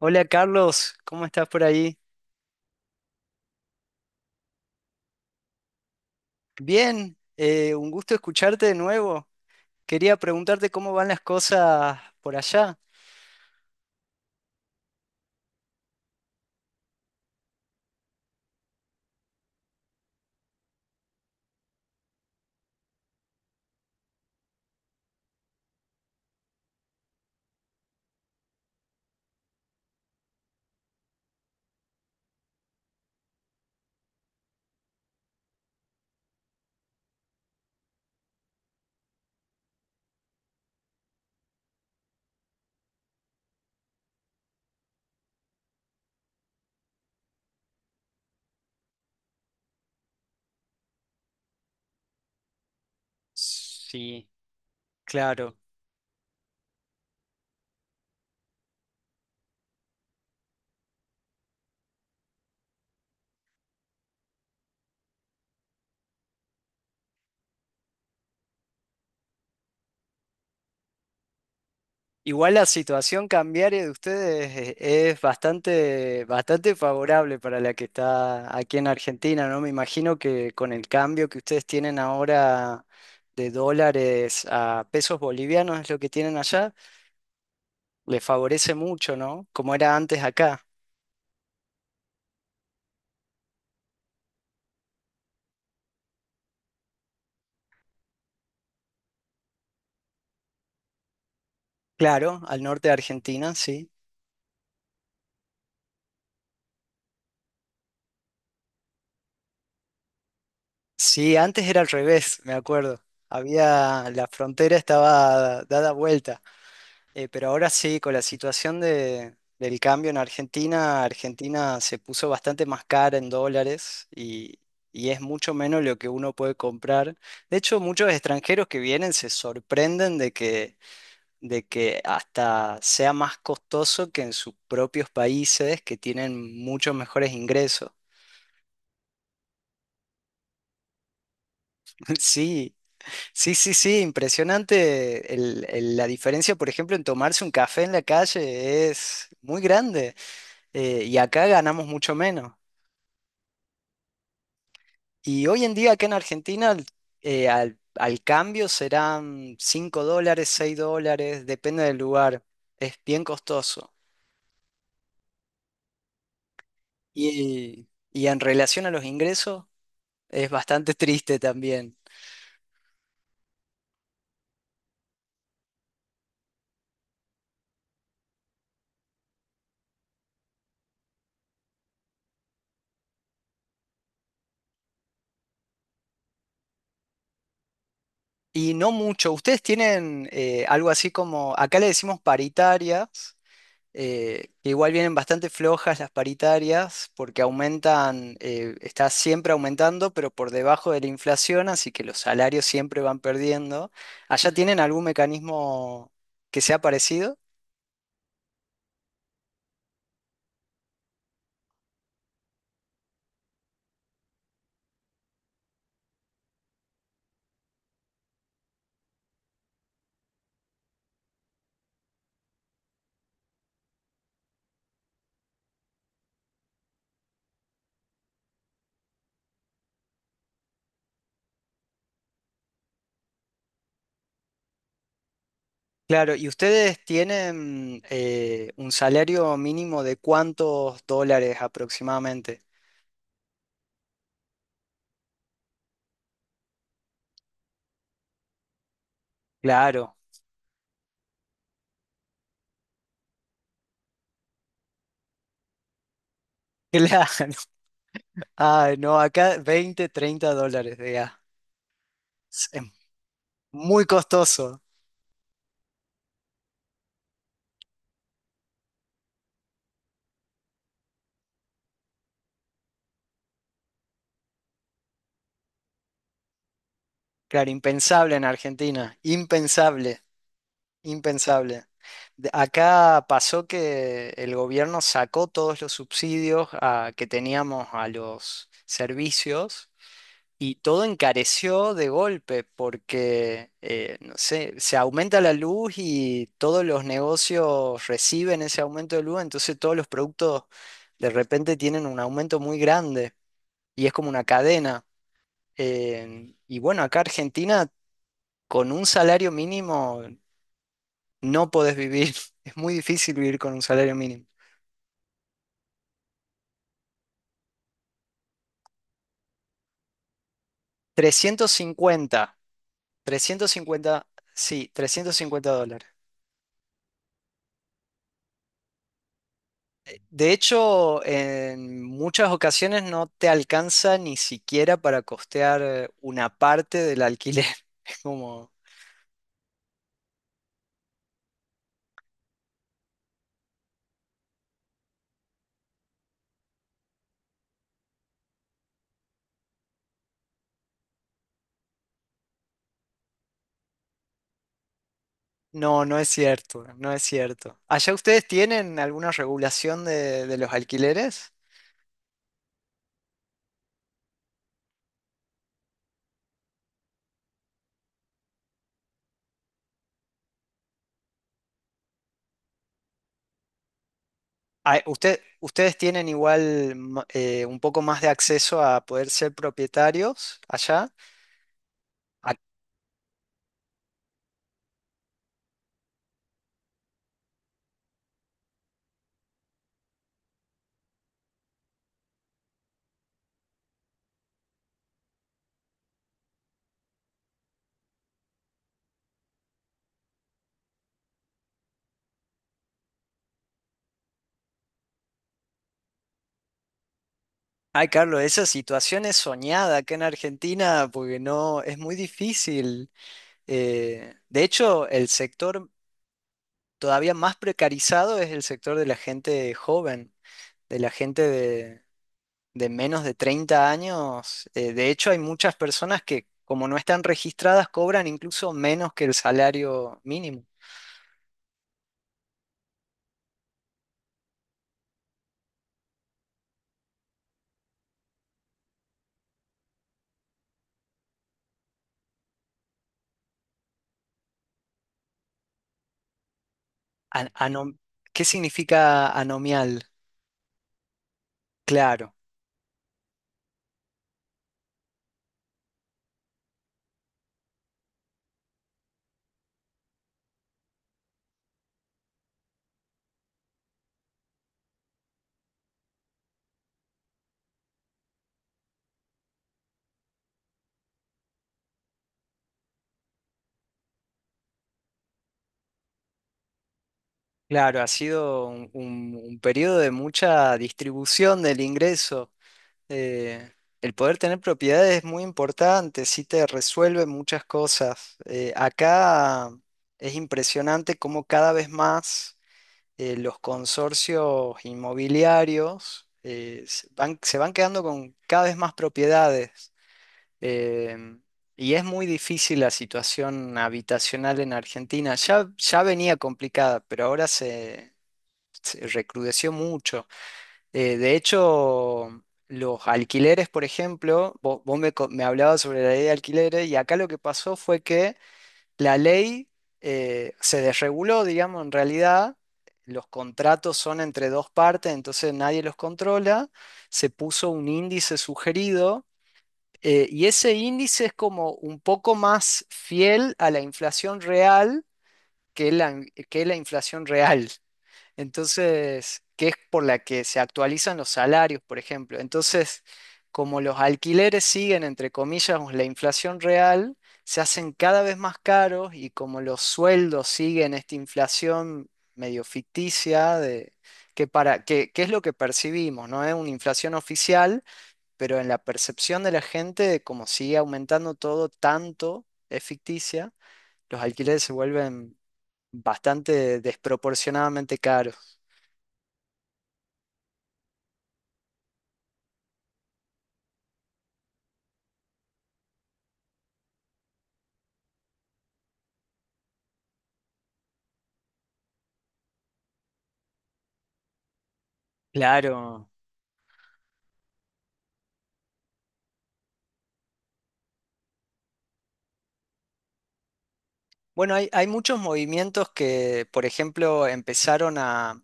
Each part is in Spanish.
Hola, Carlos, ¿cómo estás por ahí? Bien, un gusto escucharte de nuevo. Quería preguntarte cómo van las cosas por allá. Sí, claro. Igual la situación cambiaria de ustedes, es bastante, bastante favorable para la que está aquí en Argentina, ¿no? Me imagino que con el cambio que ustedes tienen ahora de dólares a pesos bolivianos es lo que tienen allá, les favorece mucho, ¿no? Como era antes acá. Claro, al norte de Argentina, sí. Sí, antes era al revés, me acuerdo. Había, la frontera estaba dada vuelta. Pero ahora sí, con la situación del cambio en Argentina, Argentina se puso bastante más cara en dólares y es mucho menos lo que uno puede comprar. De hecho, muchos extranjeros que vienen se sorprenden de que hasta sea más costoso que en sus propios países que tienen muchos mejores ingresos. Sí. Sí, sí, sí, impresionante la diferencia, por ejemplo, en tomarse un café en la calle es muy grande, y acá ganamos mucho menos. Y hoy en día acá en Argentina, al cambio serán $5, $6, depende del lugar, es bien costoso. Y en relación a los ingresos es bastante triste también. Y no mucho, ustedes tienen, algo así como, acá le decimos paritarias, que igual vienen bastante flojas las paritarias porque aumentan, está siempre aumentando, pero por debajo de la inflación, así que los salarios siempre van perdiendo. ¿Allá tienen algún mecanismo que sea parecido? Claro, ¿y ustedes tienen, un salario mínimo de cuántos dólares aproximadamente? Claro, claro. Ah, no, acá 20 30 dólares, de gas. Es muy costoso. Claro, impensable en Argentina, impensable, impensable. Acá pasó que el gobierno sacó todos los subsidios, que teníamos a los servicios, y todo encareció de golpe porque, no sé, se aumenta la luz y todos los negocios reciben ese aumento de luz, entonces todos los productos de repente tienen un aumento muy grande y es como una cadena. Y bueno, acá Argentina con un salario mínimo no podés vivir. Es muy difícil vivir con un salario mínimo. Trescientos cincuenta, trescientos cincuenta, sí, $350. De hecho, en muchas ocasiones no te alcanza ni siquiera para costear, una parte del alquiler. Es como, no, no es cierto, no es cierto. ¿Allá ustedes tienen alguna regulación de los alquileres? Ah, ustedes tienen igual, un poco más de acceso a poder ser propietarios allá. Ah, Ay, Carlos, esa situación es soñada acá en Argentina porque no es muy difícil. De hecho, el sector todavía más precarizado es el sector de la gente joven, de la gente de menos de 30 años. De hecho, hay muchas personas que, como no están registradas, cobran incluso menos que el salario mínimo. An- anom- ¿Qué significa anomial? Claro, claro, ha sido un periodo de mucha distribución del ingreso. Eh, el poder tener propiedades es muy importante, sí te resuelve muchas cosas. Acá es impresionante cómo cada vez más, los consorcios inmobiliarios, se van quedando con cada vez más propiedades. Em, y es muy difícil la situación habitacional en Argentina. Ya, ya venía complicada, pero ahora se recrudeció mucho. De hecho, los alquileres, por ejemplo, vos me hablabas sobre la ley de alquileres y acá lo que pasó fue que la ley, se desreguló, digamos, en realidad. Los contratos son entre dos partes, entonces nadie los controla. Se puso un índice sugerido, y ese índice es como un poco más fiel a la inflación real que la inflación real. Entonces, que es por la que se actualizan los salarios, por ejemplo. Entonces, como los alquileres siguen, entre comillas, la inflación real, se hacen cada vez más caros y como los sueldos siguen esta inflación medio ficticia de, que, para, que, que es lo que percibimos, no es una inflación oficial, pero en la percepción de la gente, como sigue aumentando todo tanto, es ficticia, los alquileres se vuelven bastante desproporcionadamente caros. Claro. Bueno, hay muchos movimientos que, por ejemplo, empezaron a,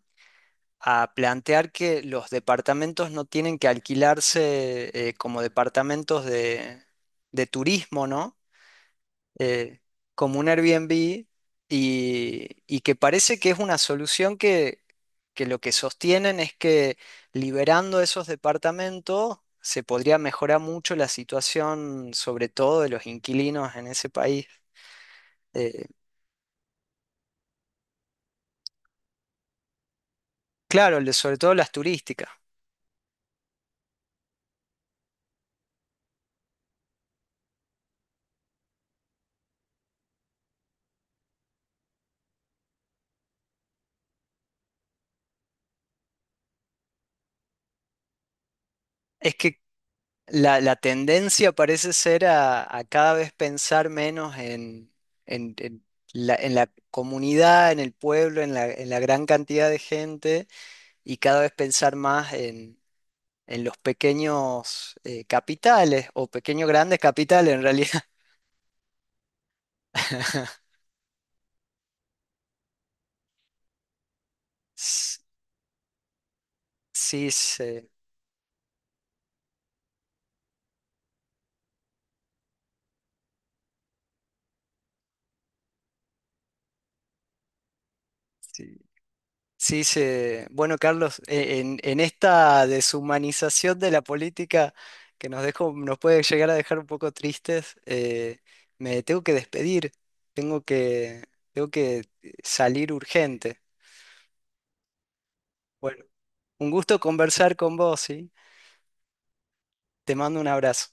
a plantear que los departamentos no tienen que alquilarse, como departamentos de turismo, ¿no? eh, como un Airbnb, y que parece que es una solución que lo que sostienen es que liberando esos departamentos se podría mejorar mucho la situación, sobre todo de los inquilinos en ese país. Eh, claro, sobre todo las turísticas. Es que la tendencia parece ser a cada vez pensar menos en- en en la comunidad, en el pueblo, en la gran cantidad de gente y cada vez pensar más en los pequeños, capitales o pequeños grandes capitales en realidad. S- Sí, se, sí, sí se- Bueno, Carlos, en esta deshumanización de la política que nos dejó, nos puede llegar a dejar un poco tristes, me tengo que despedir, tengo que, tengo que salir urgente. Bueno, un gusto conversar con vos, ¿sí? Te mando un abrazo.